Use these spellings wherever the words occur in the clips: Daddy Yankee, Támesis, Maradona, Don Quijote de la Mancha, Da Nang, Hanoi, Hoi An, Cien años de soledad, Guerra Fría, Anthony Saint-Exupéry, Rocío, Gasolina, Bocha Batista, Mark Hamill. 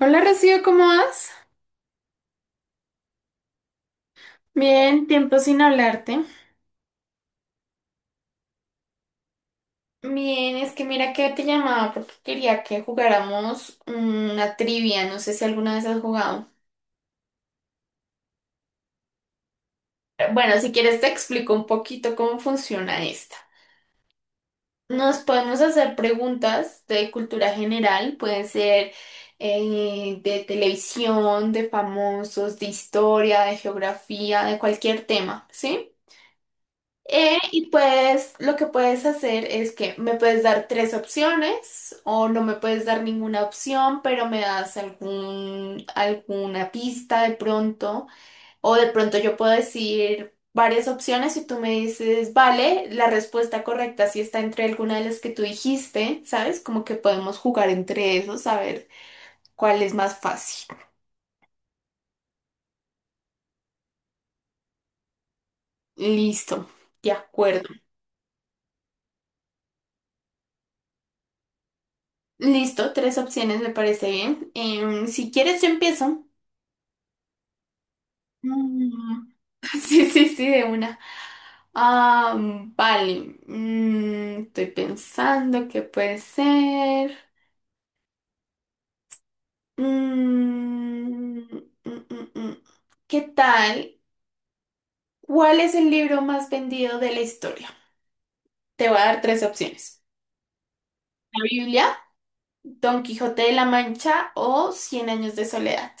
Hola Rocío, ¿cómo vas? Bien, tiempo sin hablarte. Bien, es que mira que te llamaba porque quería que jugáramos una trivia, no sé si alguna vez has jugado. Bueno, si quieres te explico un poquito cómo funciona esta. Nos podemos hacer preguntas de cultura general, pueden ser de televisión, de famosos, de historia, de geografía, de cualquier tema, ¿sí? Y pues lo que puedes hacer es que me puedes dar tres opciones o no me puedes dar ninguna opción, pero me das alguna pista de pronto o de pronto yo puedo decir varias opciones y tú me dices, vale, la respuesta correcta sí está entre alguna de las que tú dijiste, ¿sabes? Como que podemos jugar entre esos a ver cuál es más fácil. Listo, de acuerdo. Listo, tres opciones me parece bien. Si quieres yo empiezo. Mm, Sí, sí, sí, de una. Ah, vale. Estoy pensando qué puede ser. Mm, mm, mm, mm. mm. ¿Qué tal? ¿Cuál es el libro más vendido de la historia? Te voy a dar tres opciones. La Biblia, Don Quijote de la Mancha o Cien años de soledad.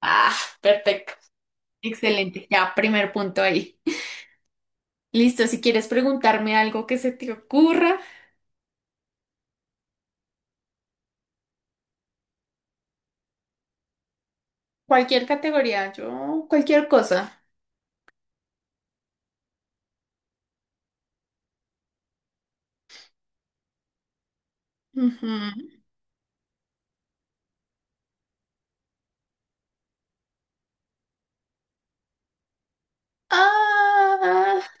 Ah, perfecto. Excelente. Ya, primer punto ahí. Listo, si quieres preguntarme algo que se te ocurra. Cualquier categoría, yo, cualquier cosa. Ujú. Ah,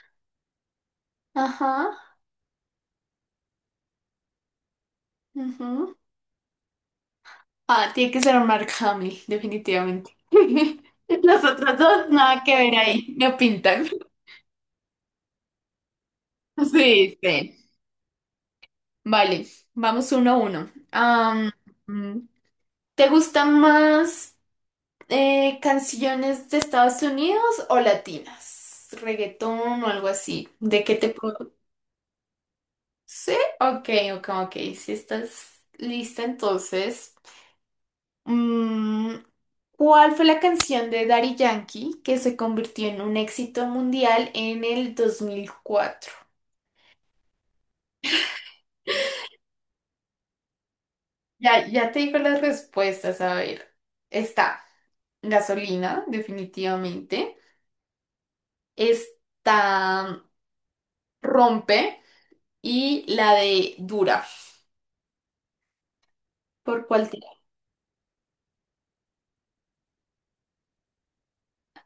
ajá, ujú. Ah, tiene que ser Mark Hamill, definitivamente. Las otras dos, nada que ver ahí, no pintan. Sí, sí. Vale, vamos uno a uno. Mm, ¿Te gustan más canciones de Estados Unidos o latinas? ¿Reggaetón o algo así? ¿De qué te Sí, ok, ok, ok. Si estás lista, entonces, mm, ¿cuál fue la canción de Daddy Yankee que se convirtió en un éxito mundial en el 2004? Ya, ya te digo las respuestas, a ver. Está Gasolina, definitivamente. Está Rompe y la de Dura. ¿Por cuál? Te-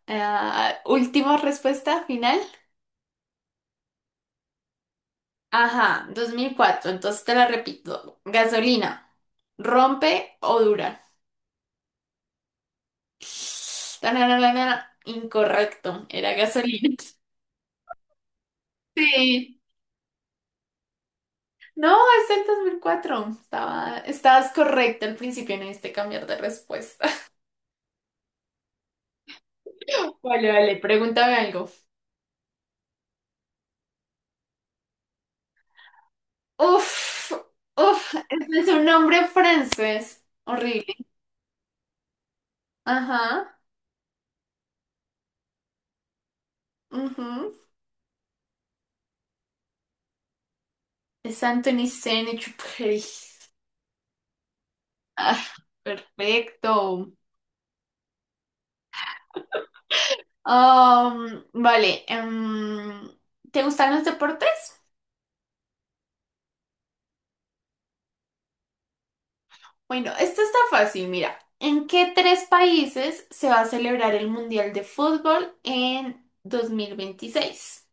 Ah, última respuesta final. Ajá, 2004. Entonces te la repito. Gasolina. ¿Rompe o dura? Tananana, incorrecto. Era gasolina. Sí. No, es el 2004. Estabas correcta al principio, no diste cambiar de respuesta. Vale, vale, pregúntame algo. Uf, uf, ese es un nombre francés. Horrible. Ajá. Ujú. Es Anthony Saint-Exupéry. Ah, perfecto. Vale, ¿te gustan los deportes? Bueno, esto está fácil, mira. ¿En qué tres países se va a celebrar el Mundial de Fútbol en 2026?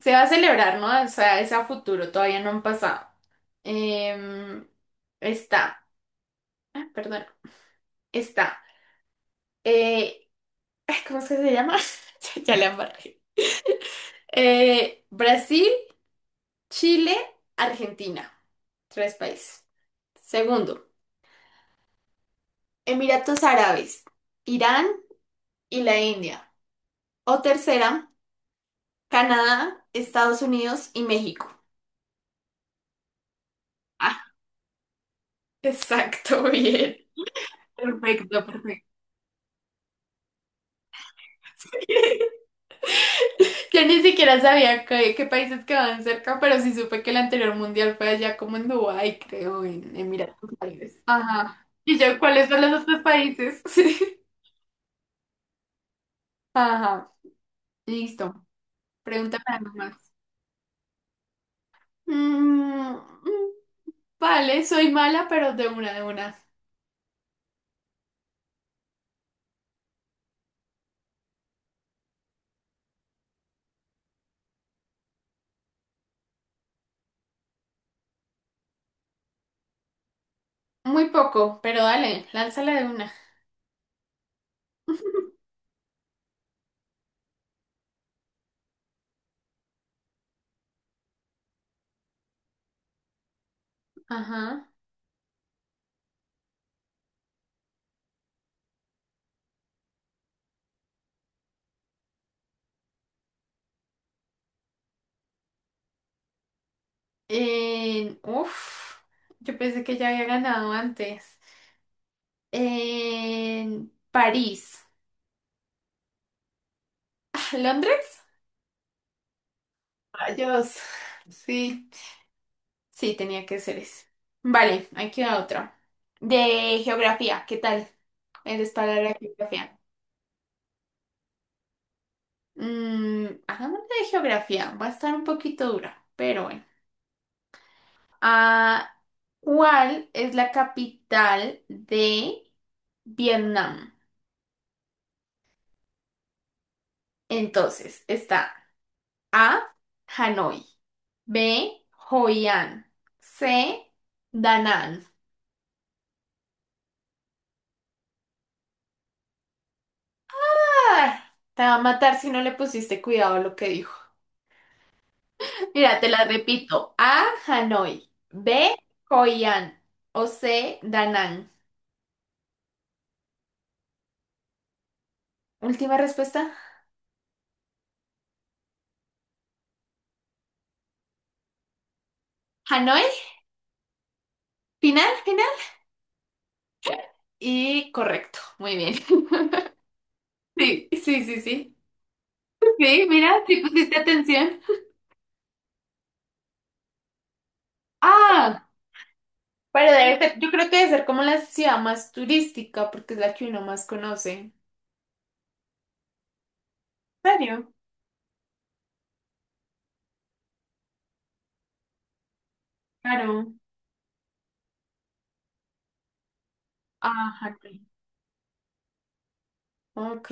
Se va a celebrar, ¿no? O sea, es a futuro, todavía no han pasado. Em, Está, ah, perdón, está. eh, ¿Cómo es que se llama? Ya, ya la embarré. Brasil, Chile, Argentina. Tres países. Segundo. Emiratos Árabes, Irán y la India. O tercera, Canadá, Estados Unidos y México. Ah, exacto, bien. Perfecto, perfecto. Yo ni siquiera sabía qué, qué países quedaban cerca, pero sí supe que el anterior mundial fue allá como en Dubái, creo, en Emiratos Árabes. Ajá. ¿Y yo cuáles son los otros países? Sí. Ajá, listo. Pregúntame nada más. Mm, mm, vale, soy mala, pero de una, de una. Muy poco, pero dale, lánzala de una. Ajá. En- uf, yo pensé que ya había ganado antes. En París. Ah, ¿Londres? Rayos. Sí, sí, tenía que ser eso. Vale, aquí va otro. De geografía, ¿qué tal? Eres para la geografía. Hagámosle de geografía. Va a estar un poquito dura, pero bueno. Ah, ¿cuál es la capital de Vietnam? Entonces, está A, Hanoi, B, Hoi An, C, Da Nang. Ay, te va a matar si no le pusiste cuidado a lo que dijo. Mira, te la repito. A, Hanoi, B, Hoi An o C, Da Nang. Última respuesta. Hanoi, final, final. Y correcto, muy bien. Sí, sí, sí, sí. Sí, mira, sí pusiste atención. Ah, pero debe ser, yo creo que debe ser como la ciudad más turística, porque es la que uno más conoce. ¿En serio? Claro. Ajá. Sí. Ok,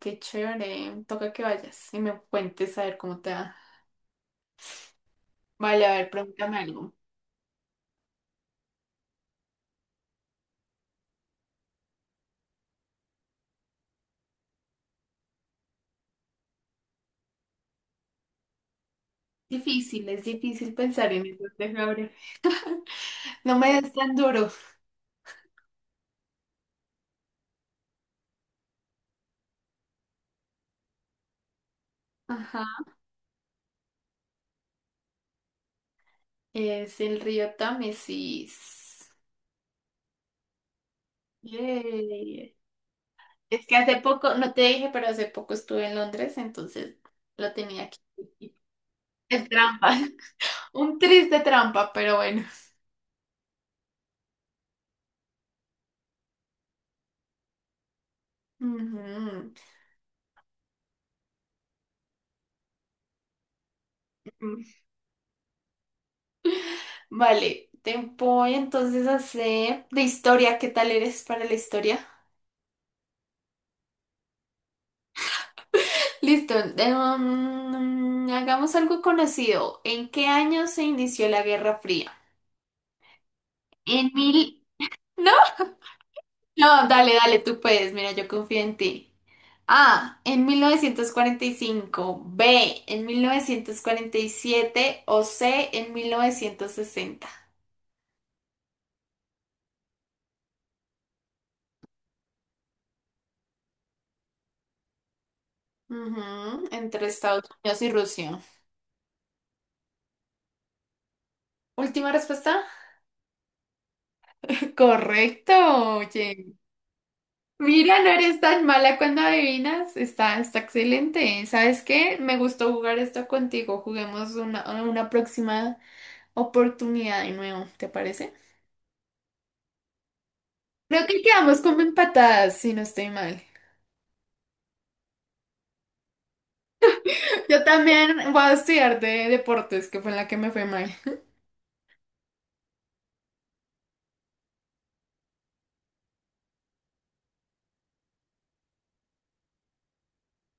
qué chévere. Toca que vayas y me cuentes a ver cómo te va. Vale, a ver, pregúntame algo. Difícil, es difícil pensar en eso, Gabriel. No me des tan duro. Ajá. Es el río Támesis. Yay. Es que hace poco, no te dije, pero hace poco estuve en Londres, entonces lo tenía aquí. Es trampa, un triste trampa, pero bueno. Ujú. Vale, te voy entonces a hacer de historia. ¿Qué tal eres para la historia? Listo, hagamos algo conocido. ¿En qué año se inició la Guerra Fría? En mil... No, dale, dale, tú puedes, mira, yo confío en ti. A, en 1945, B, en 1947 o C, en 1960. Ujú, entre Estados Unidos y Rusia. Última respuesta. Correcto, oye. Mira, no eres tan mala cuando adivinas. Está, está excelente. ¿Sabes qué? Me gustó jugar esto contigo. Juguemos una próxima oportunidad de nuevo, ¿te parece? Creo que quedamos como empatadas, si no estoy mal. Yo también voy a estudiar de deportes, que fue en la que me fue mal.